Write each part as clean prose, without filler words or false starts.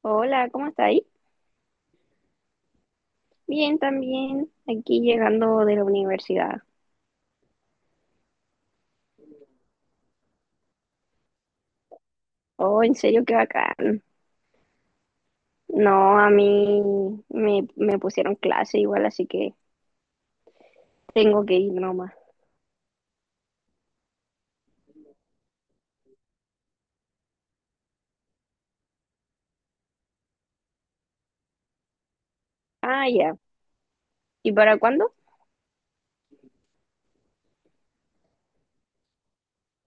Hola, ¿cómo está ahí? Bien, también. Aquí llegando de la universidad. Oh, en serio, qué bacán. No, a mí me pusieron clase igual, así que tengo que ir nomás. Ah, ya. ¿Y para cuándo?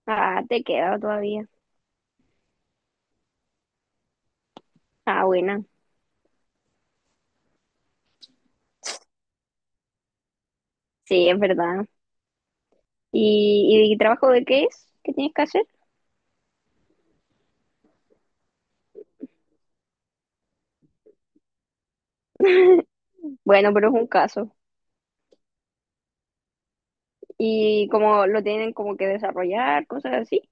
Ah, te queda todavía. Ah, buena. Sí, es verdad. ¿Y trabajo de qué es? ¿Qué tienes que hacer? Bueno, pero es un caso. ¿Y como lo tienen como que desarrollar, cosas así?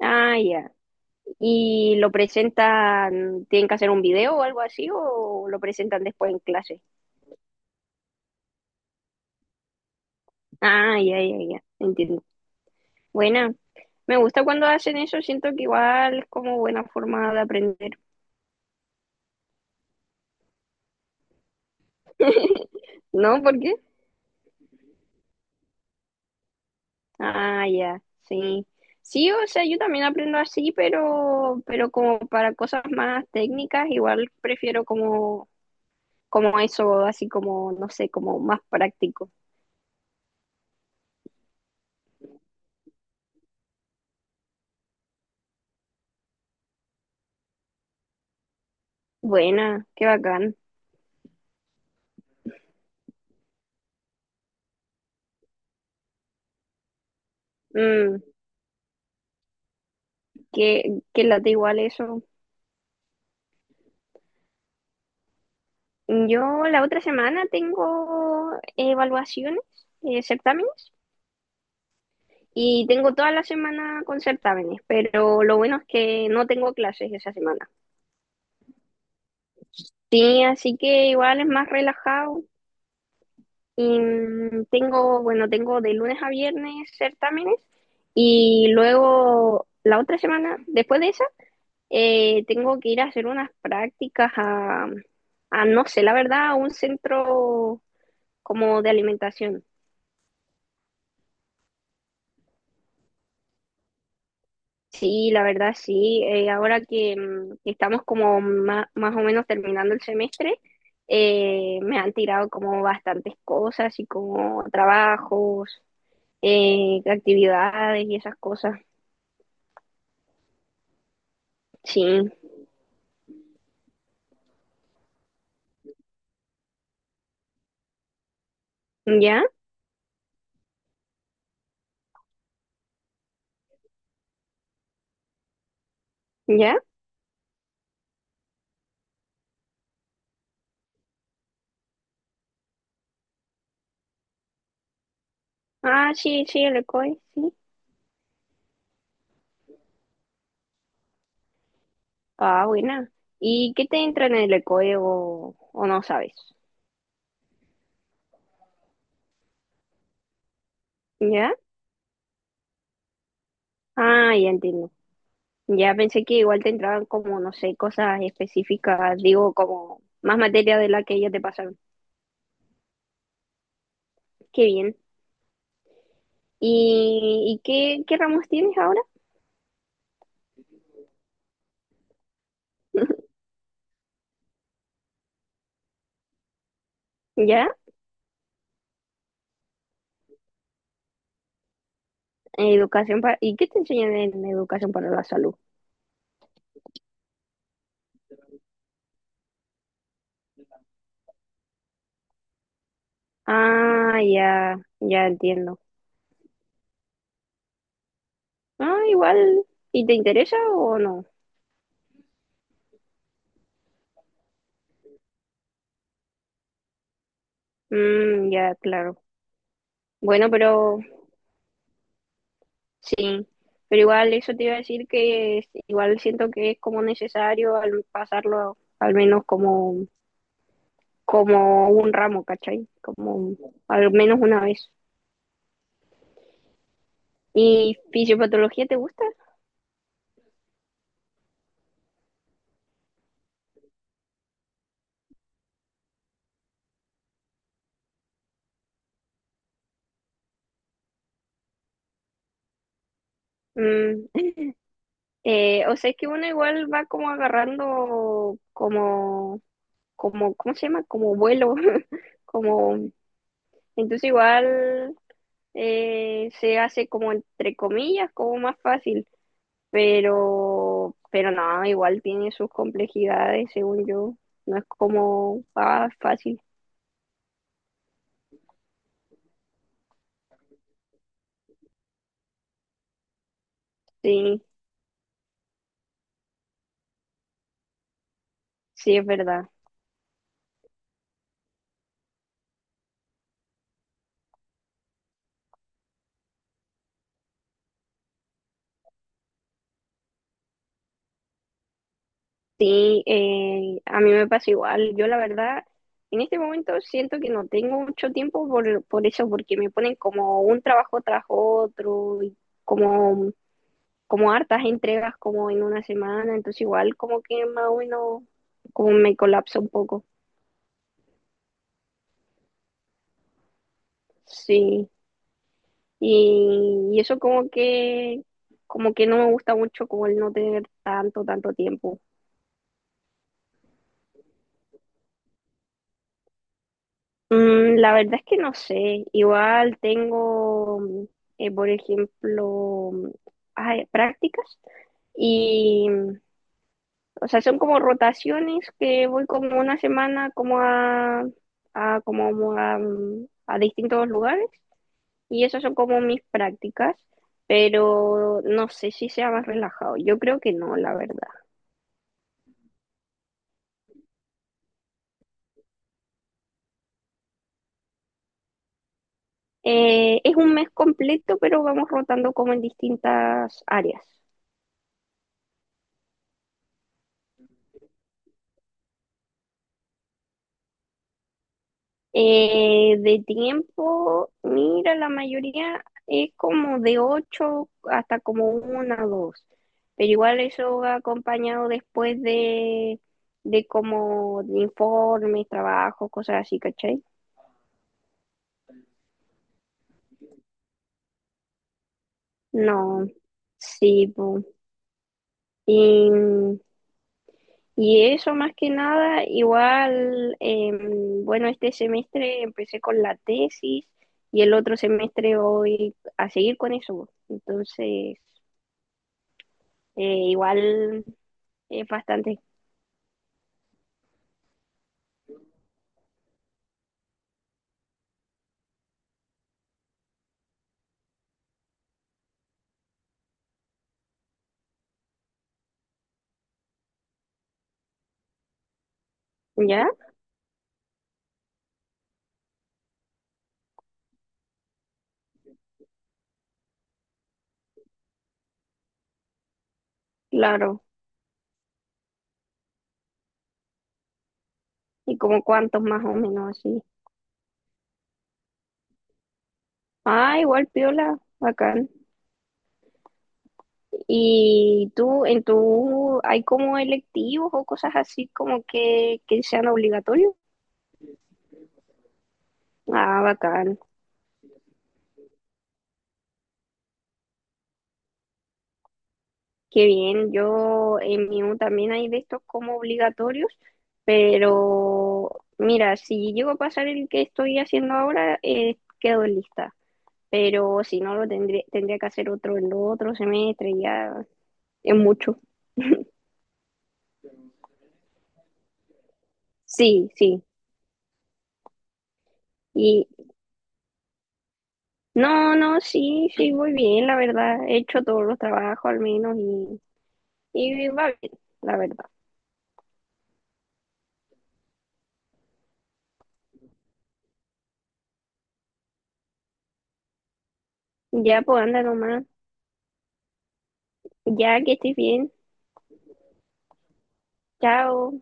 Ah, ya. ¿Y lo presentan, tienen que hacer un video o algo así, o lo presentan después en clase? Ah, ya, ya, ya, entiendo. Buena, me gusta cuando hacen eso, siento que igual es como buena forma de aprender. ¿No? ¿Por qué? Ah, ya, sí. Sí, o sea, yo también aprendo así, pero como para cosas más técnicas, igual prefiero como, como eso, así como, no sé, como más práctico. Buena, qué bacán. Mm, que late igual eso. Yo la otra semana tengo evaluaciones, certámenes, y tengo toda la semana con certámenes, pero lo bueno es que no tengo clases esa semana. Sí, así que igual es más relajado. Y tengo, bueno, tengo de lunes a viernes certámenes y luego la otra semana, después de esa, tengo que ir a hacer unas prácticas a, no sé, la verdad, a un centro como de alimentación. Sí, la verdad sí. Ahora que, que estamos como más o menos terminando el semestre, me han tirado como bastantes cosas y como trabajos, actividades y esas cosas. Sí. ¿Ya? ¿Ya? Ah, sí, sí, el ECOE, sí. Ah, buena. ¿Y qué te entra en el ECOE o, E o no sabes? ¿Ya? Ah, ya entiendo. Ya pensé que igual te entraban como, no sé, cosas específicas, digo, como más materia de la que ya te pasaron. Qué bien. ¿Y qué, qué ramos tienes ahora? ¿Ya? Educación para... ¿Y qué te enseñan en educación para la salud? Ah, ya, ya entiendo. Ah, igual. ¿Y te interesa o no? Mm, ya, claro. Bueno, pero sí. Pero igual eso te iba a decir que es- igual siento que es como necesario al pasarlo al menos como como un ramo, ¿cachai? Como un- al menos una vez. ¿Y fisiopatología te gusta? Mm, o sea, es que uno igual va como agarrando como, como, ¿cómo se llama? Como vuelo, como, entonces igual se hace como entre comillas, como más fácil, pero no, igual tiene sus complejidades, según yo, no es como ah, fácil, sí, sí es verdad. Sí, a mí me pasa igual. Yo la verdad, en este momento siento que no tengo mucho tiempo por eso, porque me ponen como un trabajo tras otro, y como, como hartas entregas como en una semana, entonces igual como que más o menos como me colapso un poco. Sí, y eso como que no me gusta mucho como el no tener tanto tiempo. La verdad es que no sé. Igual tengo, por ejemplo, ay, prácticas y, o sea, son como rotaciones que voy como una semana como a como a, a distintos lugares y esas son como mis prácticas, pero no sé si sea más relajado. Yo creo que no, la verdad. Es un mes completo, pero vamos rotando como en distintas áreas. De tiempo, mira, la mayoría es como de 8 hasta como una o dos, pero igual eso va acompañado después de como de informes, trabajos, cosas así, ¿cachai? No, sí, po. Y, y eso más que nada, igual, bueno, este semestre empecé con la tesis y el otro semestre voy a seguir con eso, po. Entonces... igual es bastante, ¿ya? Claro. ¿Y como cuántos más o menos así? Ah, igual piola, bacán. ¿Y tú, en tu, hay como electivos o cosas así como que sean obligatorios? Ah, bacán. Qué bien. Yo en mi U también hay de estos como obligatorios, pero mira, si llego a pasar el que estoy haciendo ahora, quedo lista. Pero si no lo tendría, tendría que hacer otro en otro semestre, ya es mucho. Sí, sí. Y no, no, sí, sí, voy bien, la verdad. He hecho todos los trabajos al menos y va bien, la verdad. Ya pues anda nomás. Ya que estés bien. Chao.